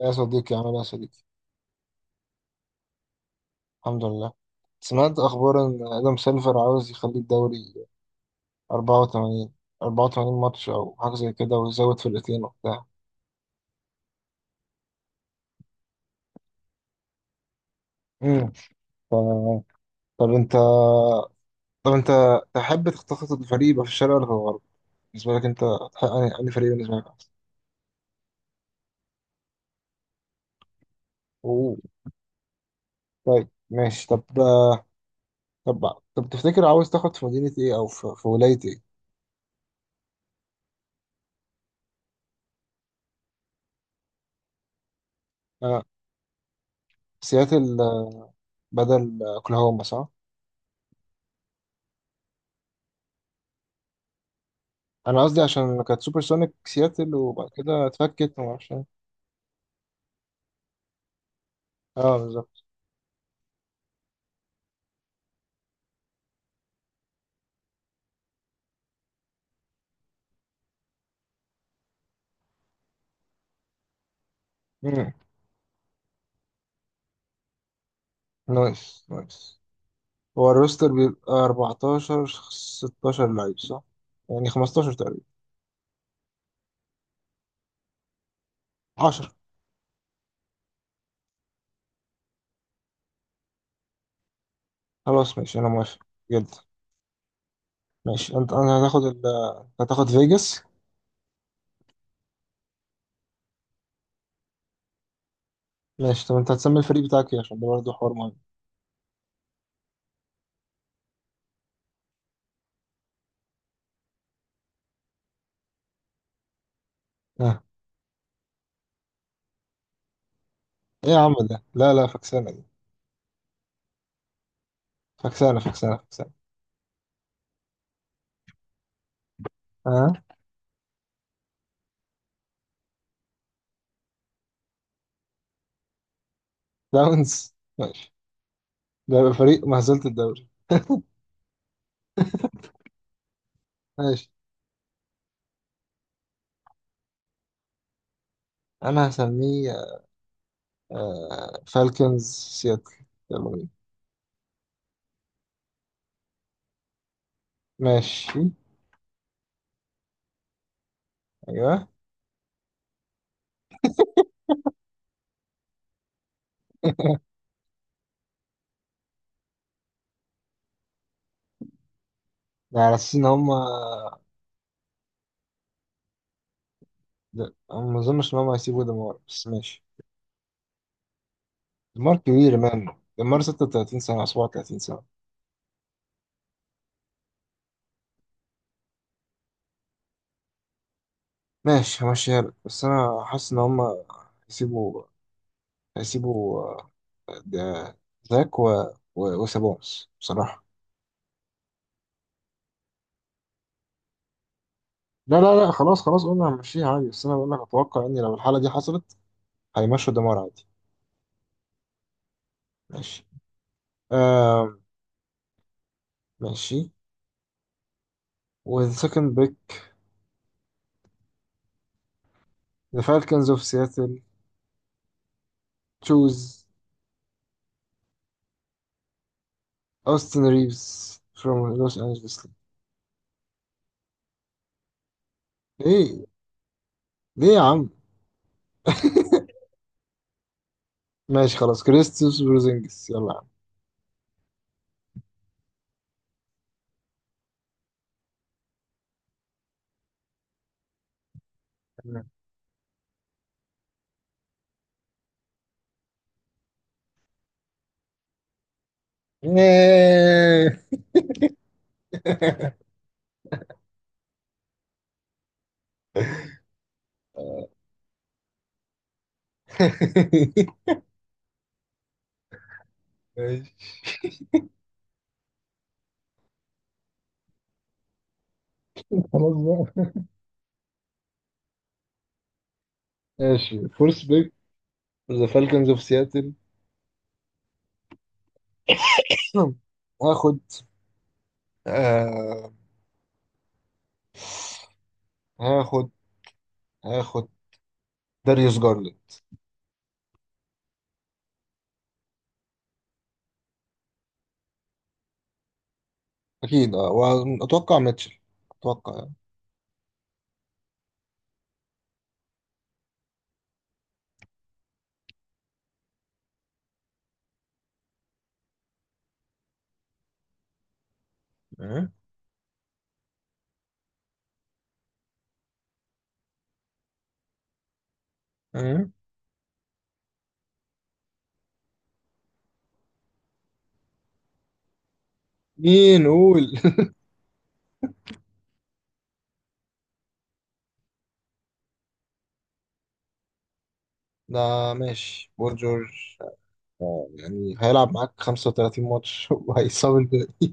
يا صديقي عامل ايه يا صديقي؟ الحمد لله. سمعت اخبار ان ادم سيلفر عاوز يخلي الدوري 84 84 ماتش او حاجه زي كده ويزود فرقتين وبتاع. امم طب انت طب انت تحب تخطط الفريق يبقى في الشرق ولا في الغرب؟ بالنسبه لك انت هتحقق أنهي فريق بالنسبه لك احسن؟ أوه. طيب ماشي، طب تفتكر عاوز تاخد في مدينه ايه او في ولايه ايه؟ آه. سياتل بدل اوكلاهوما صح؟ انا قصدي عشان كانت سوبر سونيك سياتل وبعد كده اتفكت وما اعرفش إيه. اه بالظبط. مم. نايس نايس. هو الروستر بيبقى 14 16 لعيب صح؟ يعني 15 تقريبا. 10. خلاص ماشي انا موافق جدا. ماشي انت، انا هتاخد ال، هتاخد فيجاس. ماشي طب انت هتسمي الفريق بتاعك ايه، عشان ده برضه حوار مهم؟ اه. ايه يا عم ده؟ لا لا، فكسانة دي. فكسانة فكسانة فكسانة. اه، داونز ماشي. ده يبقى فريق مهزلة الدوري. ماشي. انا هسميه فالكنز سياتل. يلا بينا. ماشي. ايوه. ده على اساس ان هم. أنا ما اظنش ان هم هيسيبوا ديمار، بس ماشي. ديمار كبير مان، ديمار 36 سنة 37 سنة. ماشي همشيها لك، بس انا حاسس ان هم هيسيبوا هيسيبوا ده- زاك وسابونس بصراحة. لا لا لا، خلاص خلاص قلنا هنمشيها عادي، بس انا بقول لك اتوقع ان لو الحالة دي حصلت هيمشوا ديمار عادي. ماشي. آه. ماشي. والسكند بيك ذا فالكنز اوف سياتل تشوز اوستن ريفز from Los Angeles. ليه؟ ليه يا عم؟ ماشي خلاص، كريستوس بروزينجس، يلا يا عم. تمام. ماشي. خلاص بقى. ماشي، فورس بيك ذا فالكنز اوف سياتل هاخد، آه هاخد هاخد داريوس جارلاند. اكيد اه. واتوقع ميتشل، اتوقع يعني. أه؟ أه؟ مين قول؟ ده، ماشي بول جورج. آه، يعني هيلعب معاك 35 ماتش وهيصاب الباقي.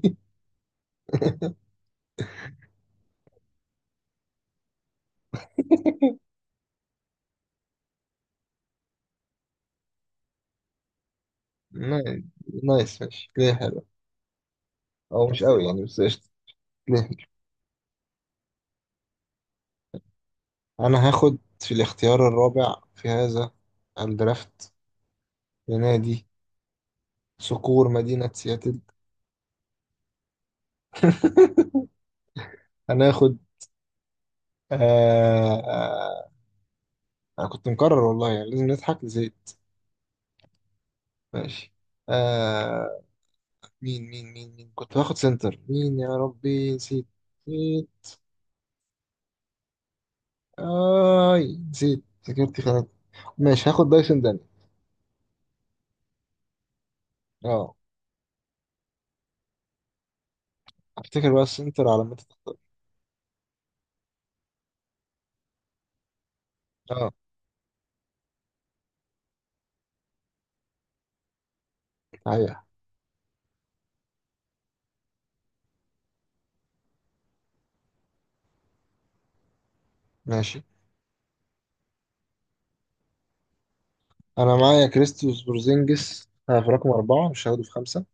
نايس. نايس ماشي كده حلو. او مش قوي يعني، بس قشطة. ليه؟ انا هاخد في الاختيار الرابع في هذا الدرافت لنادي صقور مدينة سياتل. انا هاخد، آه آه انا كنت مكرر والله، يعني لازم نضحك زيت. ماشي. آه. مين كنت هاخد سنتر، مين يا ربي نسيت. نسيت. اي نسيت، ذاكرتي خانت. ماشي هاخد دايسون داني. اه. افتكر بقى السنتر على ما تختار. اه. صحيح. ماشي، انا معايا كريستوس بورزينجس، آه، في رقم أربعة، مش هاخده في خمسة.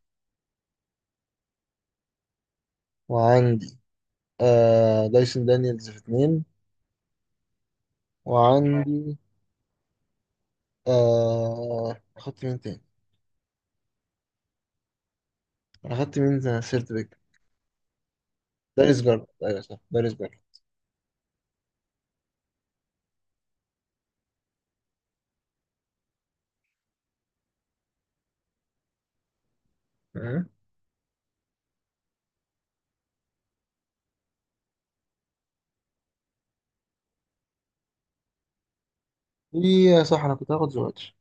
وعندي آه دايسون دانييلز في اتنين. وعندي، آه، أخدت مين تاني؟ أنا أخدت مين سيرت بيك؟ داريس جارد، أيوة صح داريس جارد. آه. في آه، صح، أنا كنت هاخد زوباتش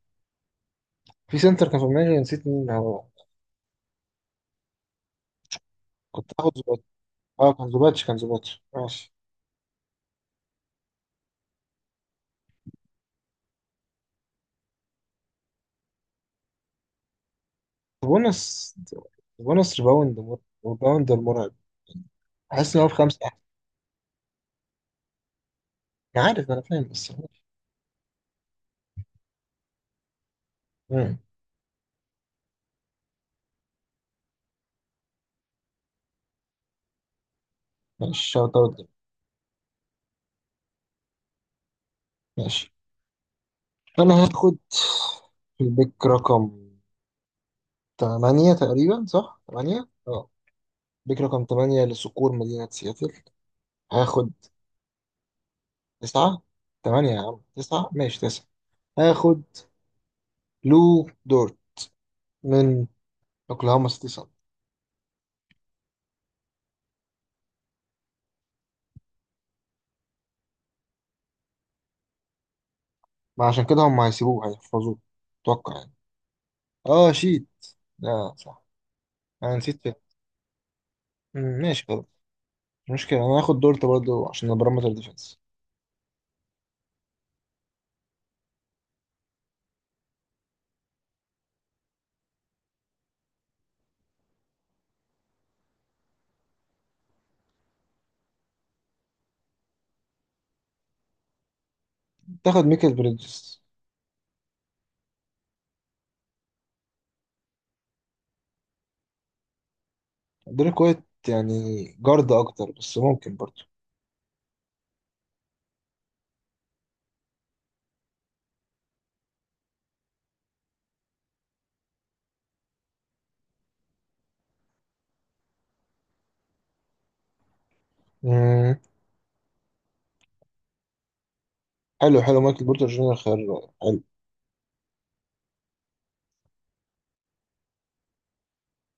في سنتر، كان في دماغي نسيت مين هو. كنت هاخد زوباتش. أه كان زوباتش كان زوباتش ماشي. بونس. بونس ريباوند ريباوند المرعب. حاسس إن هو في خمسة أحسن. أنا عارف، أنا فاهم بس هو. مم. ماشي شوت أوت. ماشي، انا هاخد البيك رقم 8 تقريبا صح 8 اه. بيك رقم 8 لصقور مدينة سياتل. هاخد 9. 8 يا عم، 9، ماشي 9. هاخد لو دورت من اوكلاهوما سيتي سان. ما عشان كده هم هيسيبوه هيحفظوه، اتوقع يعني. اه شيت. اه صح. انا نسيت فين. مم، ماشي خلاص. مش مشكلة، انا هاخد دورت برضه عشان البارامتر ديفense. تاخد ميكل بريدجز. دريك وايت يعني جارد اكتر، بس ممكن برضه. حلو، حلو، مايكل بورتر جونيور خيار حلو.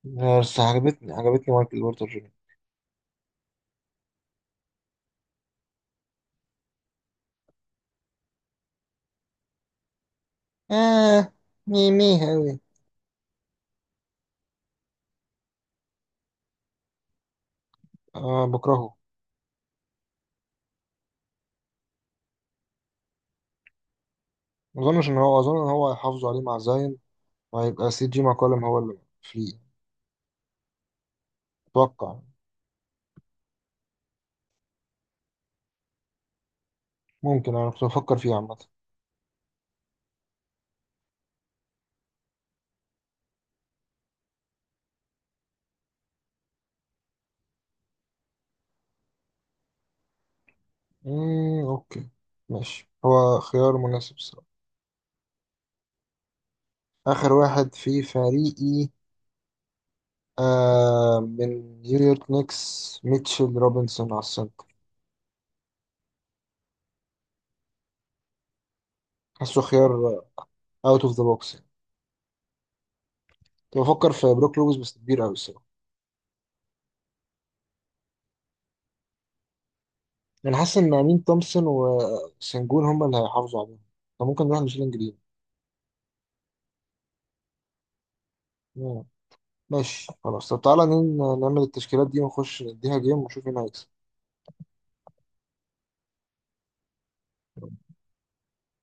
بس عجبتني، عجبتني مايكل بورتر جونيور. آه ميمي أوي. آه بكرهه. ما أظنش إن هو، أظن إن هو هيحافظوا عليه مع زاين وهيبقى سي جي ماكولم هو اللي فري. أتوقع. ممكن. أنا كنت بفكر فيه عامة. مم، أوكي. ماشي، هو خيار مناسب الصراحة. آخر واحد في فريقي، آه، من نيويورك نيكس ميتشل روبنسون على السنتر. حاسه خيار أوت أوف ذا بوكس. كنت بفكر في بروك لوبيز بس كبير أوي الصراحة. انا حاسس ان امين تومسون وسنجون هم اللي هيحافظوا عليهم، فممكن نروح نشيلين جرين. مم. ماشي خلاص، طب تعالى نعمل التشكيلات دي ونخش نديها جيم ونشوف مين هيكسب.